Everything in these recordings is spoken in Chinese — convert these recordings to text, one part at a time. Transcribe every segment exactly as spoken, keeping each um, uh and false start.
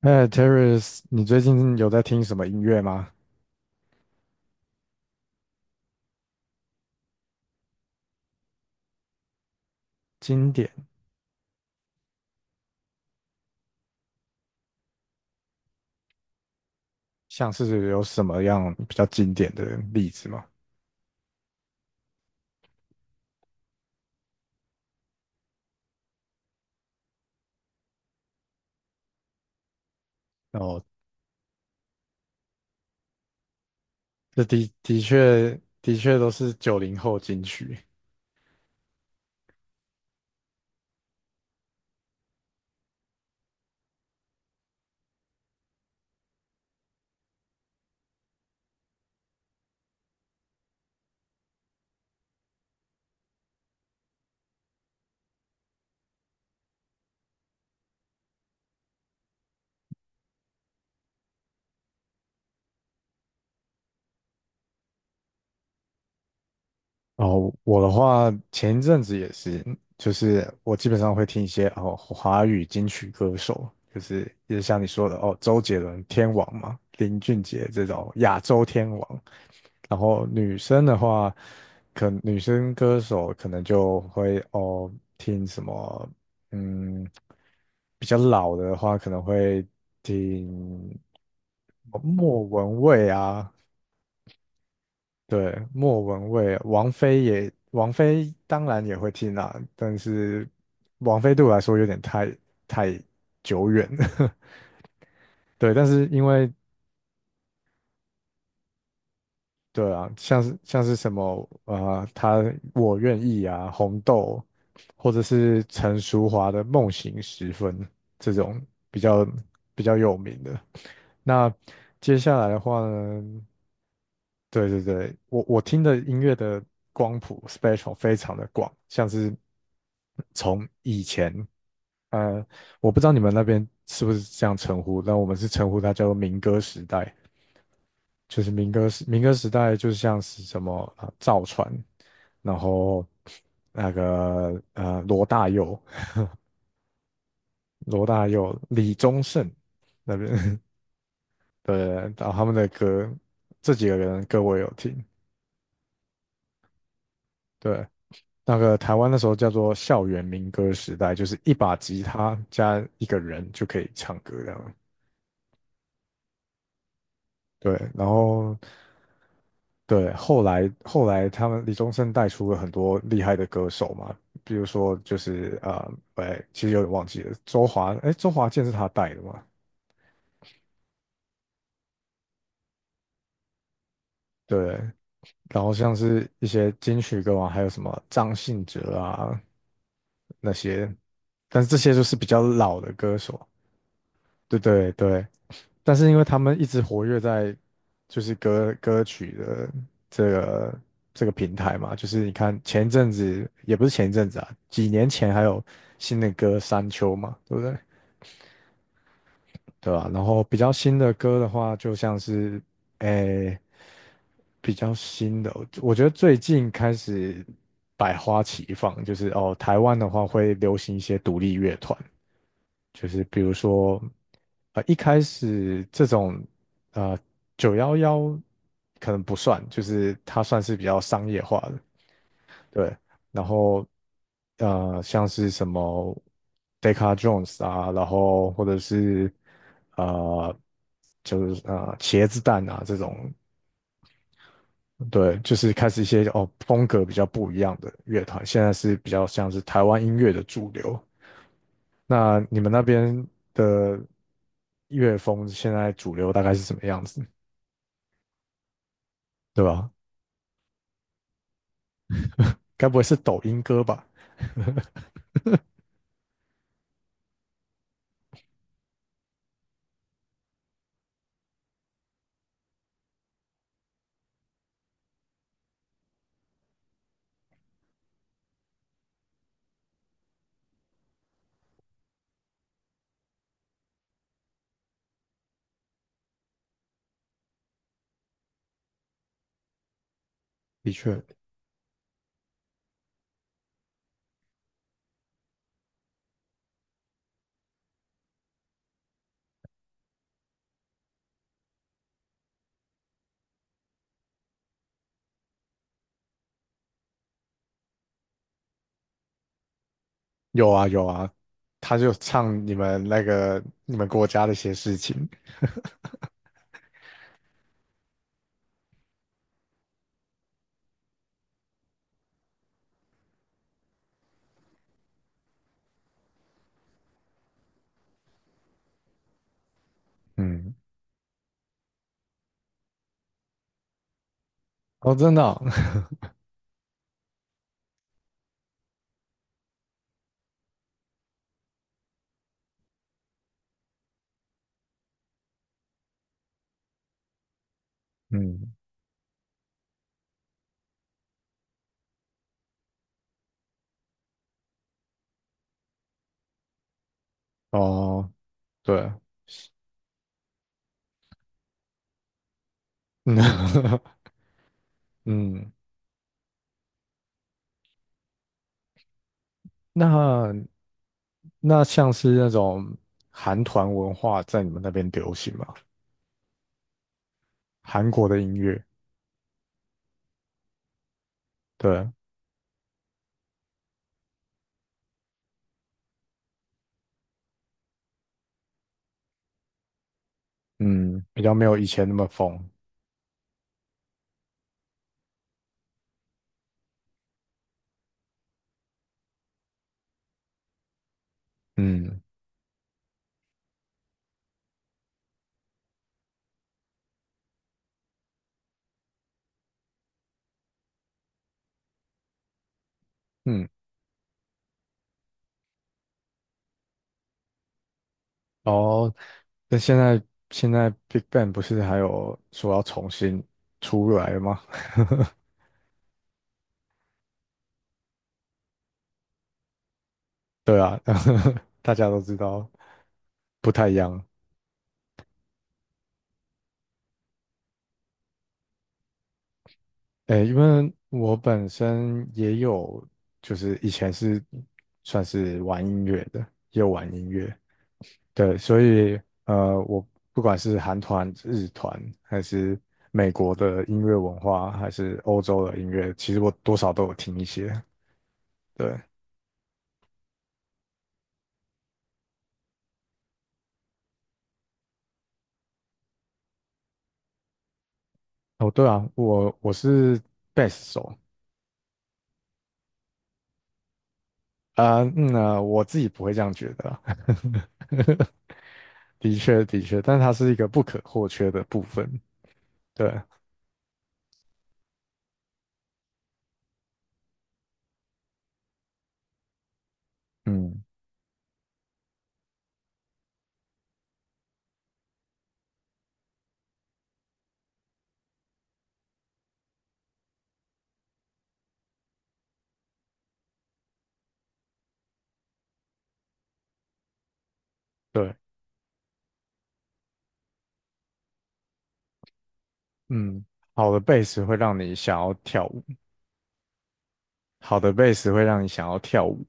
哎，Terrace，你最近有在听什么音乐吗？经典，像是有什么样比较经典的例子吗？哦，这的的确的确都是九零后金曲。哦，我的话前一阵子也是，就是我基本上会听一些哦华语金曲歌手，就是也是像你说的哦，周杰伦天王嘛，林俊杰这种亚洲天王。然后女生的话，可女生歌手可能就会哦听什么，嗯，比较老的话可能会听莫文蔚啊，对，莫文蔚，王菲也，王菲当然也会听啦，但是王菲对我来说有点太太久远了，对，但是因为对啊，像是像是什么啊、呃他我愿意啊，红豆，或者是陈淑桦的《梦醒时分》这种比较比较有名的。那接下来的话呢，对对对，我我听的音乐的光谱 spectrum 非常的广，像是从以前，呃，我不知道你们那边是不是这样称呼，但我们是称呼它叫做民歌时代。就是民歌时民歌时代，就像是什么啊呃赵传，然后那个呃罗大佑、罗大佑、李宗盛那边，的然后他们的歌，这几个人的歌我也有听。对，那个台湾那时候叫做校园民歌时代，就是一把吉他加一个人就可以唱歌这样。对，然后对，后来后来他们李宗盛带出了很多厉害的歌手嘛，比如说就是呃，哎，其实有点忘记了，周华，哎，周华健是他带的嘛，对，然后像是一些金曲歌王，还有什么张信哲啊那些，但是这些就是比较老的歌手，对对对，但是因为他们一直活跃在就是歌歌曲的这个这个平台嘛，就是你看前一阵子也不是前一阵子啊，几年前还有新的歌《山丘》嘛，对不对？对吧、然后比较新的歌的话，就像是诶、比较新的，我觉得最近开始百花齐放，就是哦，台湾的话会流行一些独立乐团，就是比如说，呃，一开始这种呃九幺幺可能不算，就是它算是比较商业化的，对。然后呃，像是什么 Decca Jones 啊，然后或者是呃，就是呃茄子蛋啊这种，对，就是开始一些哦风格比较不一样的乐团，现在是比较像是台湾音乐的主流。那你们那边的乐风现在主流大概是什么样子，对吧？该不会是抖音歌吧？的确，有啊有啊，他就唱你们那个你们国家的一些事情，嗯，哦，真的哦 嗯，哦，对，嗯 嗯，那那像是那种韩团文化在你们那边流行吗？韩国的音乐，对，嗯，比较没有以前那么疯，嗯嗯，哦，那现在现在 Big Bang 不是还有说要重新出来了吗？对啊，大家都知道不太一样。诶，因为我本身也有，就是以前是算是玩音乐的，也有玩音乐，对，所以呃，我不管是韩团、日团，还是美国的音乐文化，还是欧洲的音乐，其实我多少都有听一些，对。哦，对啊，我我是贝斯手啊，嗯啊，我自己不会这样觉得啊 的确的确，但它是一个不可或缺的部分，对，嗯，对，嗯，好的贝斯会让你想要跳舞，好的贝斯会让你想要跳舞，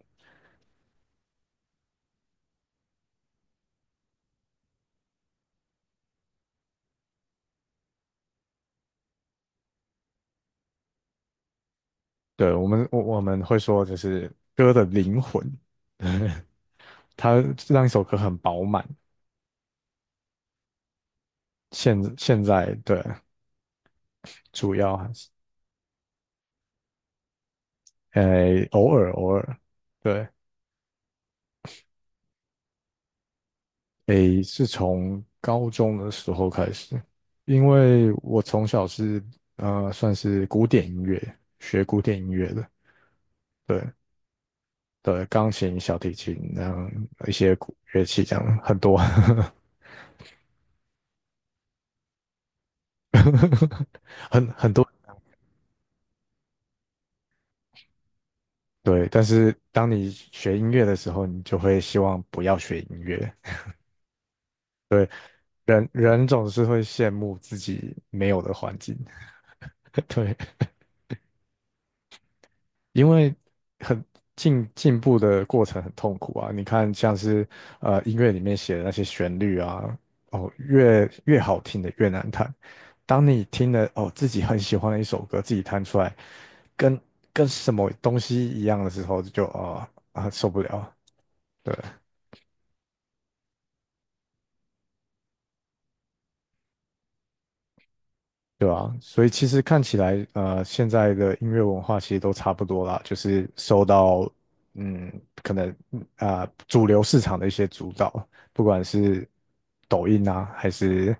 对，我们我我们会说就是歌的灵魂，对它让一首歌很饱满，现现在对，主要还是，呃，偶尔偶尔，对。诶，是从高中的时候开始，因为我从小是呃算是古典音乐，学古典音乐的，对对，钢琴、小提琴，然后一些古乐器这样很多，很很多，对。但是当你学音乐的时候，你就会希望不要学音乐，人人总是会羡慕自己没有的环境，对。因为很进进步的过程很痛苦啊。你看，像是呃音乐里面写的那些旋律啊，哦，越越好听的越难弹。当你听了哦自己很喜欢的一首歌，自己弹出来，跟跟什么东西一样的时候，就啊啊、受不了。对，对啊，所以其实看起来，呃，现在的音乐文化其实都差不多啦，就是受到，嗯，可能啊、呃主流市场的一些主导，不管是抖音啊，还是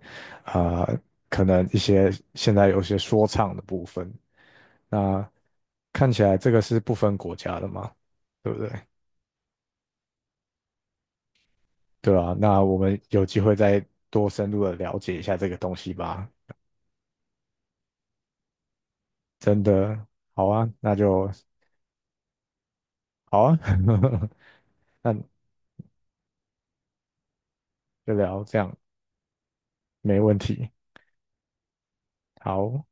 啊、呃可能一些现在有些说唱的部分，那看起来这个是不分国家的嘛，对不对？对啊，那我们有机会再多深入的了解一下这个东西吧。真的，好啊，那就好啊。那就聊这样，没问题。好，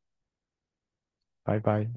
拜拜。